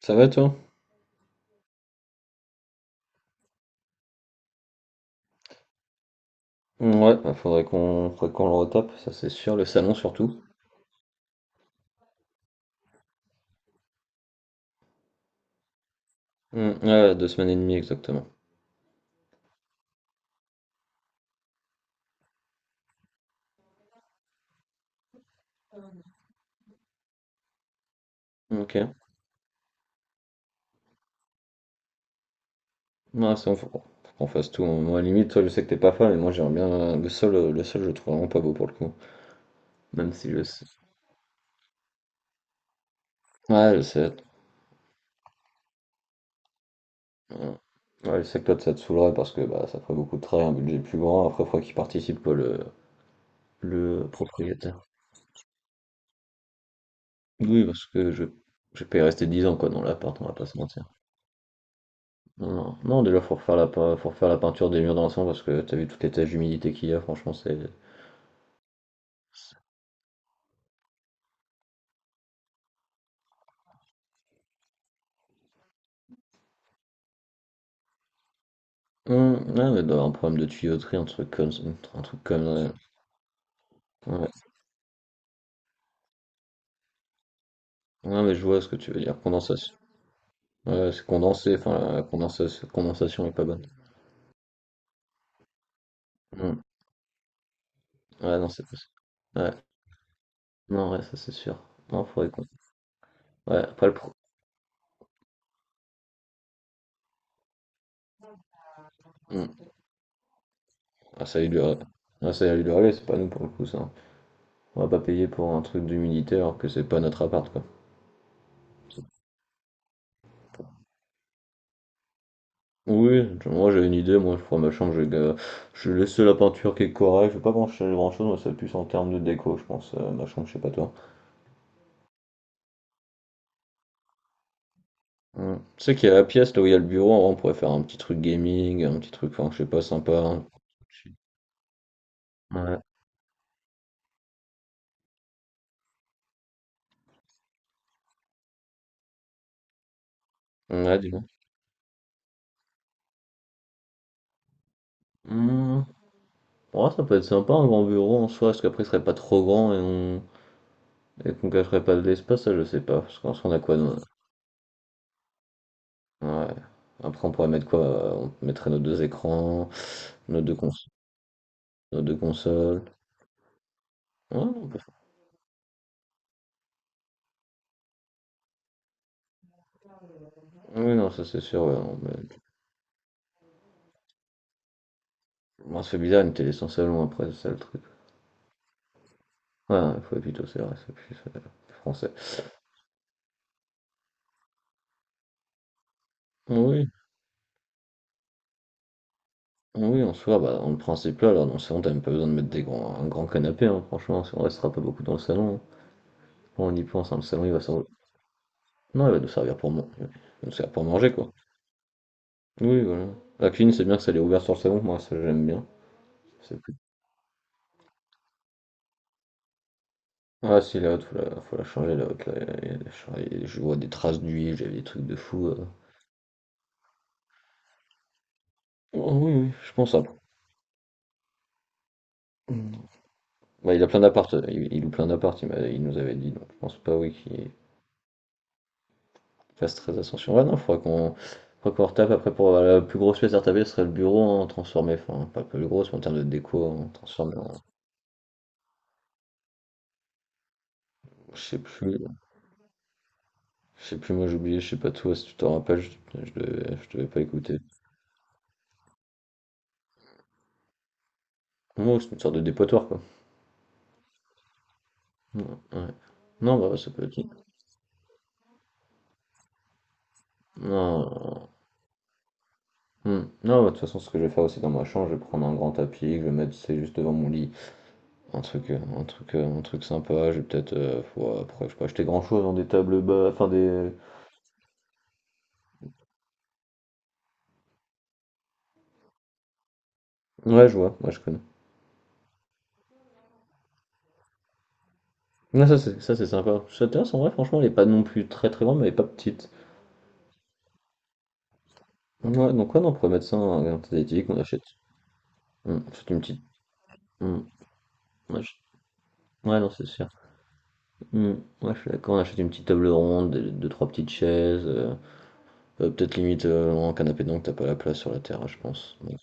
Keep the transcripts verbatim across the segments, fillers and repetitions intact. Ça va toi? Mmh, ouais, bah, faudrait qu'on faudrait qu'on le retape, ça c'est sûr, le salon surtout. Mmh, ouais, deux semaines et demie exactement. Ok. Ouais, c'est bon, faut qu'on faut qu'on fasse tout. Moi, limite, toi, je sais que t'es pas fan, mais moi, j'aimerais bien. euh, Le sol, euh, le sol, je le trouve vraiment pas beau pour le coup. Même si je sais. Ouais, je sais. Ouais, ouais, je sais que toi, ça te saoulerait parce que bah, ça ferait beaucoup de travail, un budget plus grand. Après, faudrait qu'il participe, quoi, le, le propriétaire. Oui, parce que je, je peux y rester dix ans, quoi, dans l'appart, on va pas se mentir. Non, non, déjà faut refaire la, pe- faut refaire la peinture des murs dans l'ensemble parce que t'as vu toutes les taches d'humidité qu'il y a, franchement c'est. Hum, ouais, mais d'avoir un problème de tuyauterie, un truc comme ça- un truc comme euh, ouais. Ouais, mais je vois ce que tu veux dire, condensation. Ouais, c'est condensé, enfin la condensation, condensation est pas bonne. Hum. Ouais, non, c'est pas. Ouais, non, ouais, ça c'est sûr. Non, faudrait qu'on. Ouais, après le pro. Hum. Ah, ça a eu du relais. Ah, ça a eu du relais, c'est pas nous pour le coup ça. On va pas payer pour un truc d'humidité alors que c'est pas notre appart quoi. Oui, moi j'ai une idée, moi je prends ma chambre, j'ai ga- je vais laisser la peinture qui est correcte, je vais pas brancher grand chose, moi c'est plus en termes de déco, je pense, euh, ma chambre, je sais pas toi. Ouais. Tu sais qu'il y a la pièce là où il y a le bureau, en vrai, on pourrait faire un petit truc gaming, un petit truc, enfin je sais pas, sympa, hein. Ouais, ouais, dis-moi. Hmm. Ouais, ça peut être sympa un grand bureau en soi, parce qu'après il serait pas trop grand et on et qu'on gâcherait pas de l'espace, ça je sais pas, parce qu'en soi on a quoi dans-. Ouais. Après on pourrait mettre quoi? euh, On mettrait nos deux écrans, nos deux cons... nos deux consoles. Ouais, oui, non, ça c'est sûr, ouais, on met bon, ça bizarre une télé sans salon après, c'est ça le truc. Ouais, il faut plutôt c'est vrai, c'est plus euh, français. Oui, oui, en soi, bah, dans le principe là, alors dans le salon, t'as même pas besoin de mettre des grands, un grand canapé, hein, franchement, si on restera pas beaucoup dans le salon, hein. Quand on y pense, hein, le salon, il va servir. Non, il va nous servir pour manger. Il va nous servir pour manger, quoi. Oui, voilà. La cuisine, c'est bien que ça l'ait ouvert sur le salon, moi, ça j'aime bien. C'est plus... Ah, si, la haute, faut la, faut la changer, la haute, là, il y a des- je vois des traces d'huile, j'avais des trucs de fou. euh. Oh, oui, oui, je pense, hein. Bah, il a plein d'appart, euh, il, il loue plein d'appart, il, m'a- il nous avait dit, donc je pense pas oui qu'il fasse très attention. Ouais non, il faudra qu'on faudra qu'on retape après pour euh, la plus grosse pièce à retaper, ce serait le bureau en transformé, enfin pas la plus grosse, mais en termes de déco en transformé en-. Je sais plus, je sais plus, moi j'ai oublié, je sais pas tout, si tu t'en rappelles, je, je devais, je devais pas écouter. Moi c'est une sorte de dépotoir quoi. Ouais. Ouais. Non bah ça peut être. Non, hmm. Non, bah, de toute façon ce que je vais faire aussi dans ma chambre, je vais prendre un grand tapis, que je vais mettre c'est juste devant mon lit. Un truc, euh, un truc, euh, un truc sympa, j'ai peut-être. Euh, ouais, après, j'ai pas acheter grand-chose dans des tables bas, enfin des. Ouais, je vois, ouais, je connais. Ouais, ça, c'est ça, c'est sympa. Cette terrasse, en vrai, franchement, elle est pas non plus très très grande, mais elle est pas petite. Ouais, donc, ouais, non, on pourrait mettre ça en un esthétique, on achète. Hum, on une petite. hum, on achète-. Ouais, non, c'est sûr. Hum, ouais, je suis d'accord, on achète une petite table ronde, des- deux, trois petites chaises. euh, euh, peut-être limite euh, en canapé, donc t'as pas la place sur la terrasse, je pense. Donc,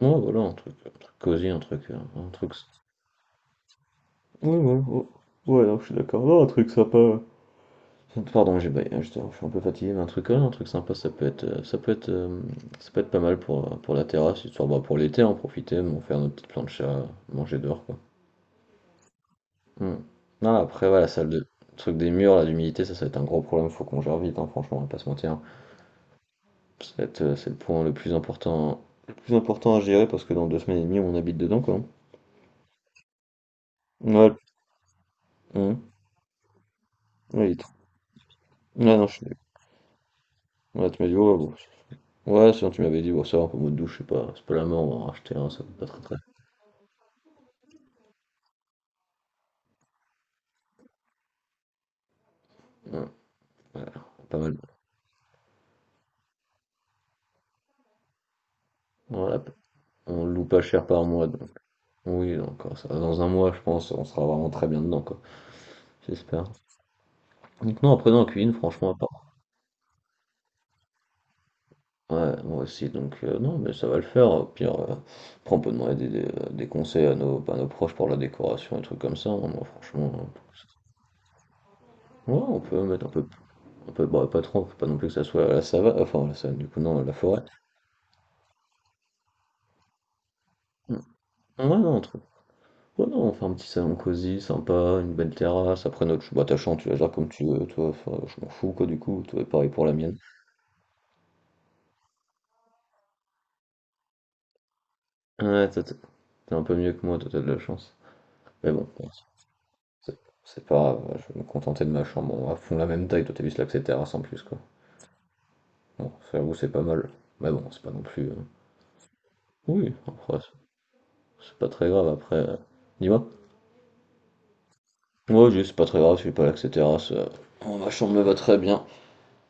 ouais, voilà, un truc, un truc cosy, un truc, euh, un truc Ouais, ouais, ouais. Ouais, non, je suis d'accord. Non, un truc sympa. Ouais. Pardon, j'ai baillé, je, je suis un peu fatigué, mais un truc, ouais, un truc sympa, ça peut être, euh, ça peut être, euh, ça peut être pas mal pour, euh, pour la terrasse, histoire, bah, pour l'été, en profiter, bon, faire notre petite plancha, manger dehors, quoi. Hmm. Non, après, voilà, la salle de, le truc des murs, là, d'humidité, ça, ça va être un gros problème, faut qu'on gère vite, hein, franchement, on va pas se mentir. Ça va être, euh, c'est le point le plus important, le plus important à gérer, parce que dans deux semaines et demie, on habite dedans, quoi. Ouais, le- hmm. Ouais, il est trop-. Ouais, non, je suis d'accord. Ouais, tu m'as dit, ouais, bon. Ouais, sinon tu m'avais dit, bon, ça va, un pommeau de douche, c'est pas, c'est pas la mort, on va en racheter un, ça coûte pas très très. Ouais, ouais, pas mal. Voilà, on le loue pas cher par mois, donc. Oui, donc euh, ça va, dans un mois, je pense, on sera vraiment très bien dedans, quoi. J'espère. Donc, non, après, dans la cuisine, franchement, à part. Ouais, moi aussi, donc, euh, non, mais ça va le faire. Au pire, euh, après, on peut demander des, des- euh, des conseils à nos, à nos proches pour la décoration et trucs comme ça, hein. Moi, franchement, euh, ouais, on peut mettre un peu, un peu, bah, pas trop, faut pas non plus que ça soit à la savane, enfin, à la savane, du coup, non, à la forêt. Ouais, non. Ouais, non, on fait un petit salon cosy, sympa, une belle terrasse. Après, notre... ch- bah, ta chambre, tu la gères comme tu veux, toi. Enfin, je m'en fous, quoi, du coup. Toi, pareil pour la mienne. Ouais, toi, t'es t'es un peu mieux que moi, toi, t'as de la chance. Mais bon, bon, c'est c'est pas grave, ouais, je vais me contenter de ma chambre. On va fond la même taille, toi, t'as vu, c'est que c'est terrasse en plus, quoi. Bon, ça, j'avoue, c'est pas mal. Mais bon, c'est pas non plus. euh, Oui, après, c'est c'est pas très grave, après. euh, Dis-moi. Ouais, juste, c'est pas très grave, je suis pas là que c'est terrasse. euh, Oh, ma chambre me va très bien,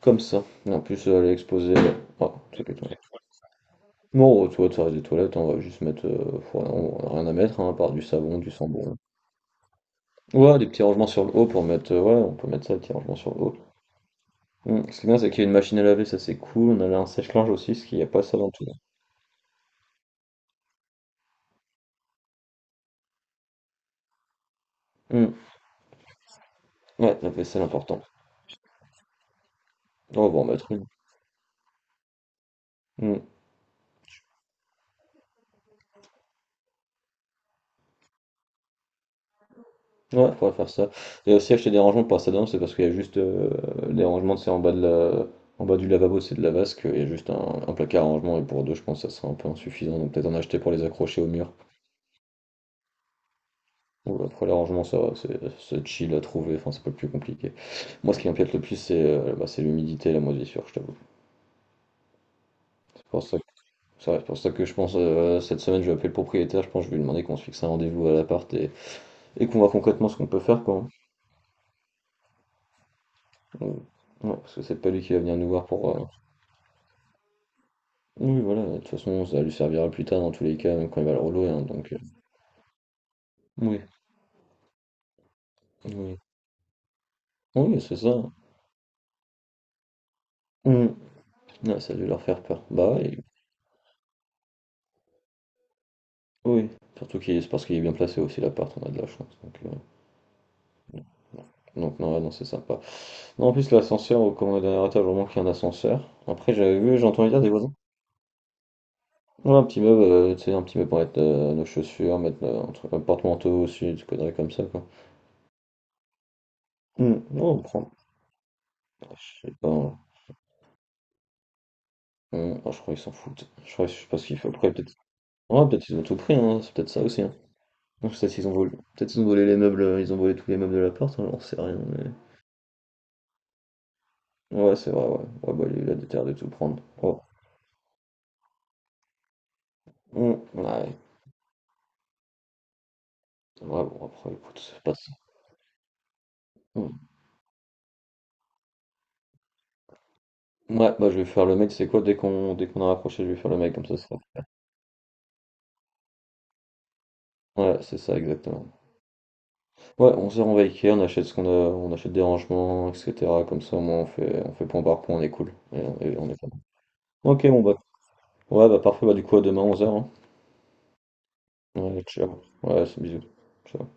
comme ça. Et en plus, euh, elle est exposée. euh, Oh, c'est que toi. Non, aux toilettes, ça reste des toilettes, hein, on va juste mettre, euh, faut- on- rien à mettre, hein, à part du savon, du sambon. Ouais, des petits rangements sur le haut pour mettre, euh, ouais, on peut mettre ça, des petits rangements sur le haut. Hmm, Ce qui est bien, c'est qu'il y a une machine à laver, ça c'est cool, on a là un sèche-linge aussi, ce qu'il n'y a pas ça dans tout. Hmm, ouais, la vaisselle, important. On va en mettre une. Hmm, ouais, faudrait faire ça. Et aussi acheter des rangements pour ça dedans, c'est parce qu'il y a juste euh, des rangements, c'est en bas de la... en bas du lavabo, c'est de la vasque, il y a juste un, un placard à rangement, et pour deux, je pense que ça sera un peu insuffisant, donc peut-être en acheter pour les accrocher au mur. Bon, après l'arrangement ça va, c'est c'est chill à trouver, enfin c'est pas le plus compliqué. Moi ce qui m'inquiète le plus c'est euh, bah, c'est l'humidité et la moisissure, je t'avoue. C'est pour ça que, c'est c'est pour ça que je pense euh, cette semaine je vais appeler le propriétaire, je pense que je vais lui demander qu'on se fixe un rendez-vous à l'appart et, et qu'on voit concrètement ce qu'on peut faire quoi. Donc, ouais, parce que c'est pas lui qui va venir nous voir pour. euh, Oui voilà, de toute façon ça lui servira plus tard dans tous les cas, même quand il va le relouer, hein, donc. euh, Oui, oui. Oui, c'est ça. Mm. Ouais, ça a dû leur faire peur. Bah oui, oui. Surtout qu'il c'est parce qu'il est bien placé aussi l'appart, on a de la chance. Donc, euh, Donc non, ouais, non, c'est sympa. Non, en plus, l'ascenseur, au- comme on est au dernier étage, vraiment qu'il y a un ascenseur. Après, j'avais vu, j'ai entendu dire des voisins. Ouais, un petit meuble, euh, tu sais, un petit meuble pour mettre euh, nos chaussures, mettre euh, un truc, un porte-manteau aussi, des conneries comme ça, quoi. Hmm, non, on prend. Je sais pas, hein. Hmm, ah, je crois qu'ils s'en foutent. Je crois, je sais pas ce qu'il faut. Après, peut-être. Ouais, peut-être ils ont tout pris, hein. C'est peut-être ça aussi, hein. Donc, peut-être ils ont volé. Peut-être ils ont volé les meubles, euh, ils ont volé tous les meubles de l'appart, hein, j'en sais rien, mais. Ouais, c'est vrai, ouais. Ouais, bah, il a des terres de tout prendre. Ouais. Hmm, ouais. Ouais, bon, après, écoute, c'est pas ça. Hmm. Ouais, bah je vais faire le mec, c'est quoi? Dès qu'on dès qu'on a rapproché, je vais faire le mec, comme ça ça. Ouais, c'est ça, exactement. Ouais, on se rend à Ikea, on achète ce qu'on a, on achète des rangements, et cetera. Comme ça, au moins, on fait, on fait point par point, on est cool. Et, on et on est pas mal. Ok, bon, bah. Ouais, bah parfait, bah du coup, à demain, onze heures. Ouais, ciao. Ouais, c'est bisous. Ciao.